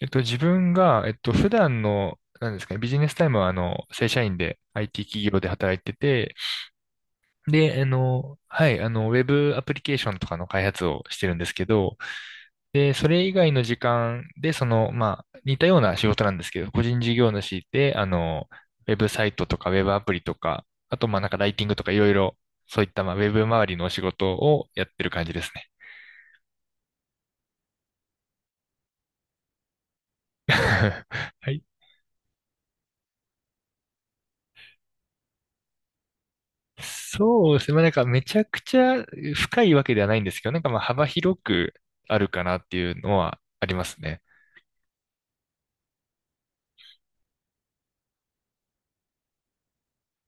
自分が、普段の、なんですかね、ビジネスタイムは、正社員で IT 企業で働いてて、で、はい、ウェブアプリケーションとかの開発をしてるんですけど、で、それ以外の時間で、まあ、似たような仕事なんですけど、個人事業主で、ウェブサイトとか、ウェブアプリとか、あと、まあ、なんかライティングとか、いろいろ、そういった、まあ、ウェブ周りのお仕事をやってる感じですね。そうですね。まあ、なんかめちゃくちゃ深いわけではないんですけど、なんかまあ幅広くあるかなっていうのはありますね。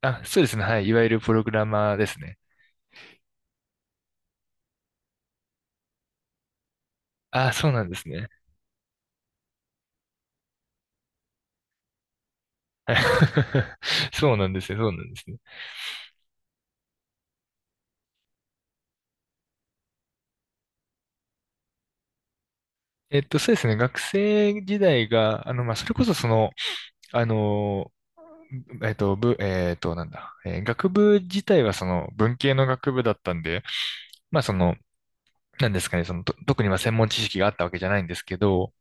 あ、そうですね。はい。いわゆるプログラマーですね。あ、そうなんですね。はい そうなんですね。そうなんですね。そうですね。学生時代が、まあ、それこそその、あの、えっと、ぶ、えっと、なんだ、えー学部自体はその文系の学部だったんで、まあその、なんですかね、その、特にまあ専門知識があったわけじゃないんですけど、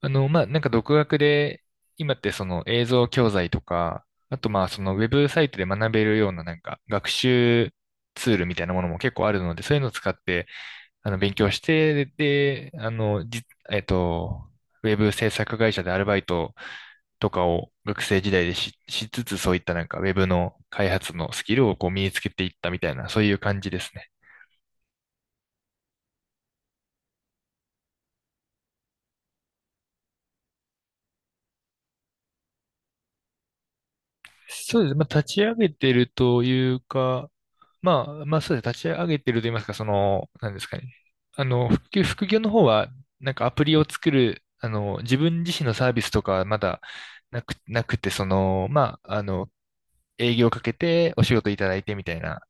まあ、なんか独学で、今ってその映像教材とか、あとまあそのウェブサイトで学べるようななんか学習ツールみたいなものも結構あるので、そういうのを使って勉強して、で、あの、じ、えっと、ウェブ制作会社でアルバイトとかを学生時代でしつつ、そういったなんかウェブの開発のスキルをこう身につけていったみたいな、そういう感じですね。そうですね。まあ、立ち上げてるというか、まあ、まあ、そうですね。立ち上げてると言いますか、その、なんですかね。副業の方は、なんかアプリを作る、自分自身のサービスとか、はまだなくて、その、まあ、営業かけてお仕事いただいてみたいな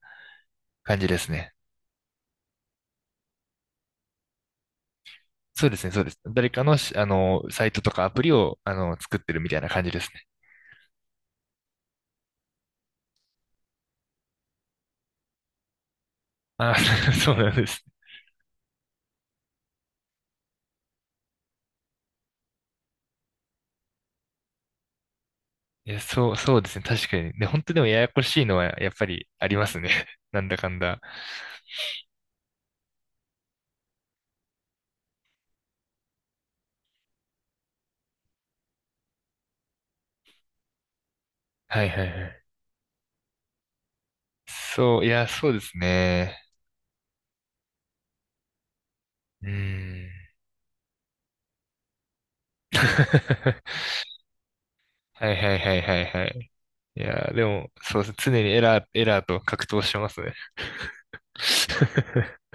感じですね。そうですね、そうです。誰かのし、あの、サイトとかアプリを、作ってるみたいな感じですね。あ、そうなんです。いや、そう、そうですね。確かに。で、本当でもややこしいのはやっぱりありますね。なんだかんだ。はいはいはい。そう、いや、そうですね。うーん。はいはいはいはいはい。いや、でも、そうですね。常にエラーと格闘してますね。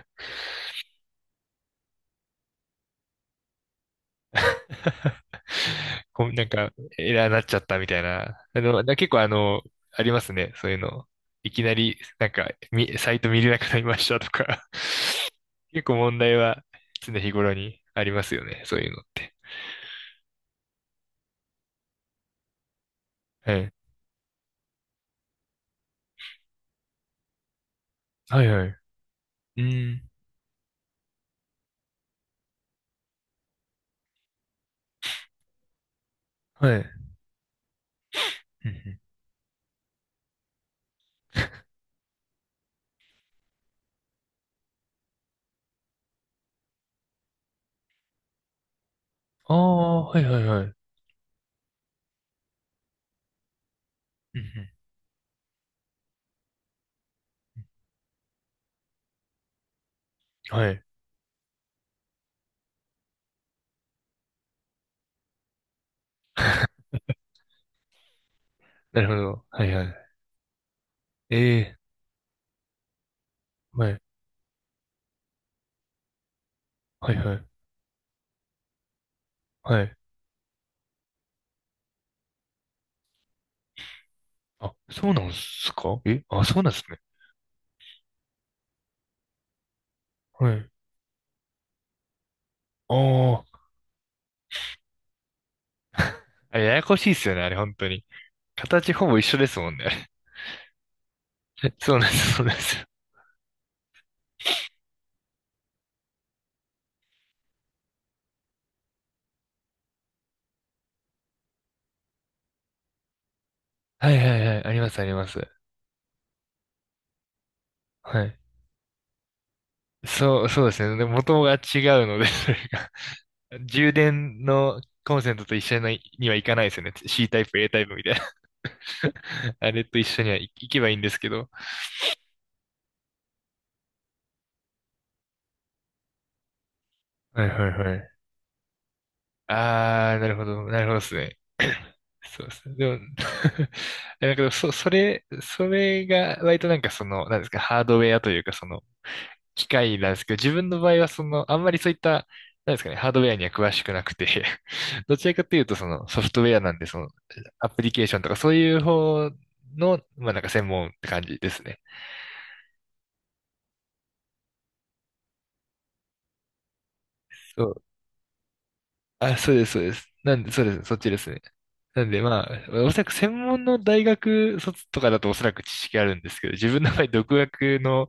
こう、なんか、エラーなっちゃったみたいな。結構ありますね。そういうの。いきなり、なんか、サイト見れなくなりましたとか。結構問題は常日頃にありますよね。そういうのって。はい。はいはい。うん。はい。うんうんああ、はいはいはい。うんうんはい。なるほど。はいはい。ええ、はい。はいはい。はい。あ、そうなんすかえあ、そうなんですね。はい。ああ、あれややこしいっすよね、あれ、本当に。形ほぼ一緒ですもんね、あれ そうなんです、そうなんですよ。はいはいはい、あります、あります。はい。そう、そうですね。で、元が違うので、それが。充電のコンセントと一緒ににはいかないですよね。C タイプ、A タイプみたいな。あれと一緒にはい行けばいいんですけど。はいはいはい。あー、なるほど、なるほどですね。そうですね。でも、なんかでもそれが、割となんかその、なんですか、ハードウェアというか、その、機械なんですけど、自分の場合はその、あんまりそういった、なんですかね、ハードウェアには詳しくなくて どちらかというとそのソフトウェアなんで、その、アプリケーションとかそういう方の、まあなんか専門って感じですね。そう。あ、そうです、そうです。なんで、そうです、そっちですね。なんでまあ、おそらく専門の大学卒とかだとおそらく知識あるんですけど、自分の場合独学の、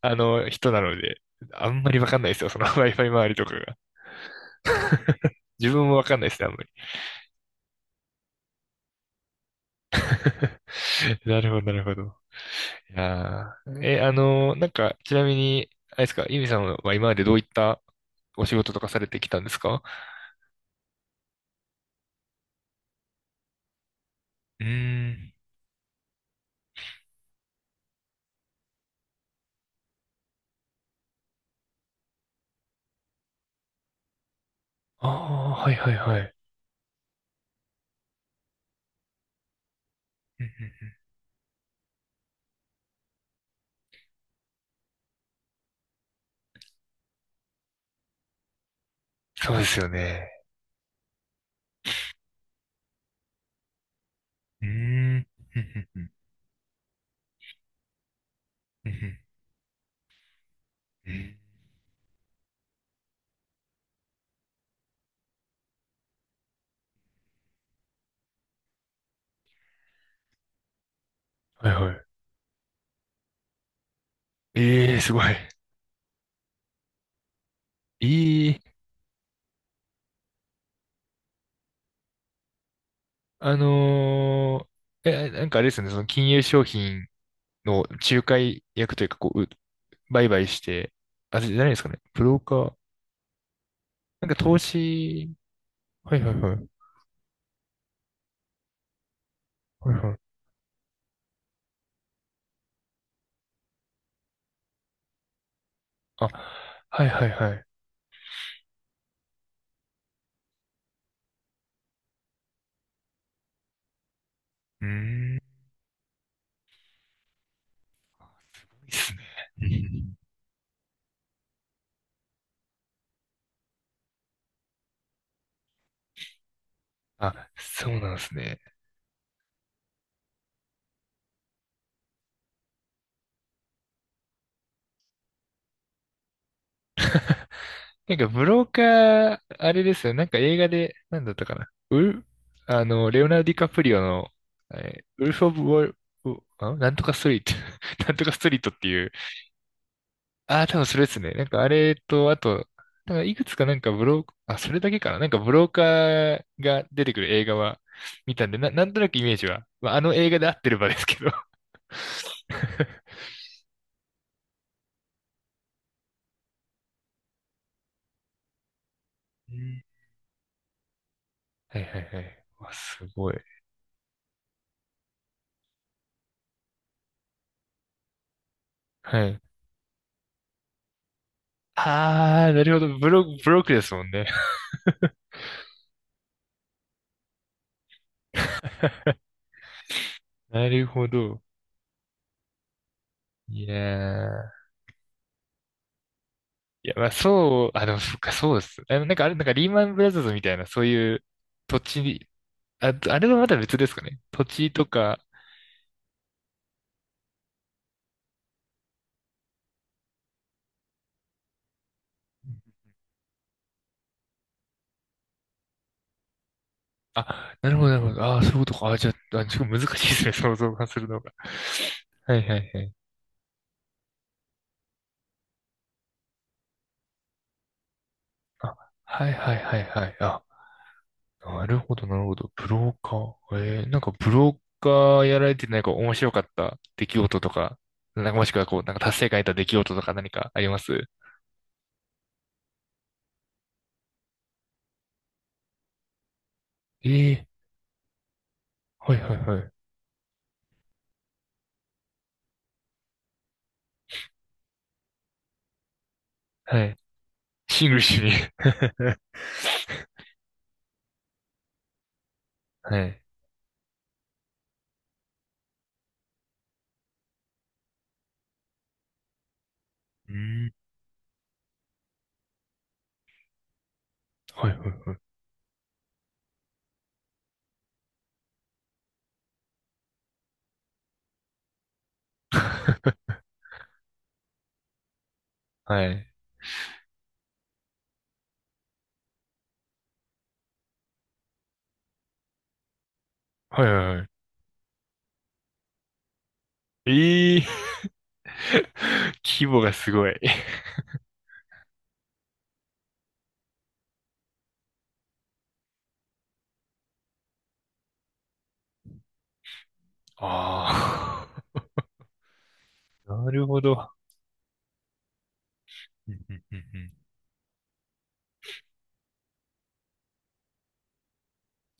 人なので、あんまりわかんないですよ、その Wi-Fi 周りとかが。自分もわかんないですね、あんまり。なるほど、なるほど。いやーえ、あのーなんか、ちなみに、あれですか、ゆみさんは今までどういったお仕事とかされてきたんですか？うーん。ああ、はいはいはい。うんうんそうですよね。うーん。うんうんうんうんうんはいはい。ええ、すごい。えあのーえ、なんかあれですね、その金融商品の仲介役というか、こう、う売買して、あ、じゃないですかね、ブローカー。なんか投資、はいはいはい。はいはいあ、はいはいはい。うーん、いいっすね。うんあ、そうなんですね。なんか、ブローカー、あれですよ。なんか映画で、なんだったかな。ウル、あの、レオナルド・ディカプリオの、ウルフ・オブ・ウォール、なんとかストリート、なんとかストリートっていう。ああ、多分それですね。なんかあれと、あと、なんかいくつかなんかブロー、あ、それだけかな。なんかブローカーが出てくる映画は見たんで、なんとなくイメージは、まあ、あの映画で合ってればですけど。うんはいはいはい。わすごい。はい。あー、なるほど。ブロックですもんね。なるほど。いやー。いや、まあそう、あ、でもそっか、そうです。あの、なんかあれ、なんかリーマンブラザーズみたいな、そういう土地に、あ、あれはまた別ですかね。土地とか、あ、なるほど、なるほど。ああそういうことか。あ、じゃあ、あ、ちょっと難しいですね。想像がするのが。はいはいはい。あ、はいはいはいはい。あ、なるほど、なるほど。ブローカー。えー、なんかブローカーやられてなんか面白かった出来事とか、なんかもしくはこう、なんか達成感得た出来事とか何かあります？ええー、はいはいはい。はい。シングルしに。はい。うん、はいはい。はい。はいはいはいはい。ええー、規模がすごい。ああ、なるほど。うんうんうんうん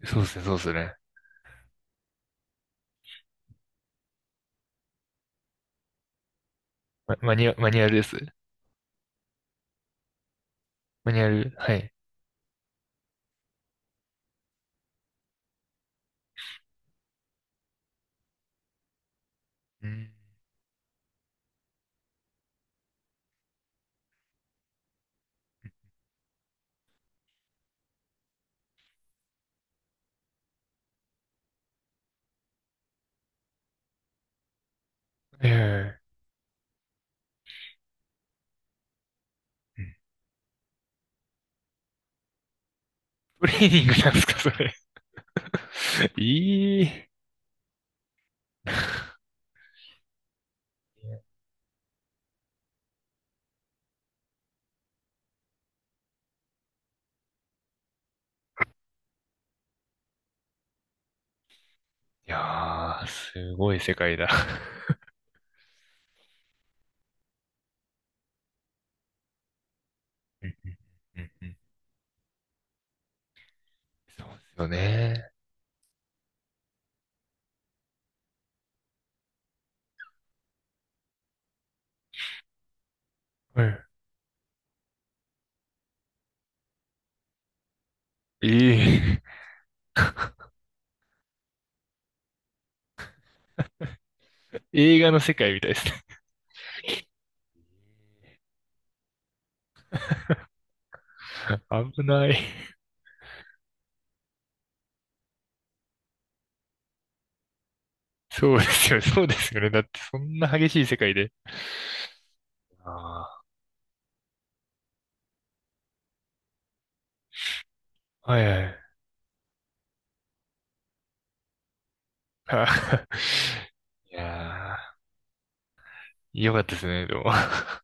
そうですね、そうですね。マニュアルです。マニュアル、はい。うん。ええトレーニングなんですか、それ。いい。いやー、すごい世界だ。うんうんうんうんそうですよね。うんいい。映画の世界みたいですね。危ない。そうですよね、そうですよね。だってそんな激しい世界で。ああ、はいはい。あいやー、よかったですね、でも。は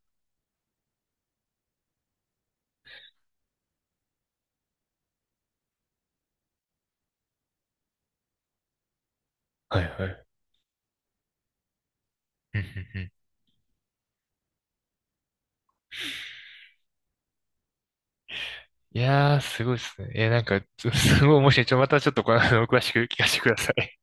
いはい。うんうんうんいやー、すごいですね。え、なんか、ちょすごい面白い。またちょっとこの、あの詳しく聞かせてください。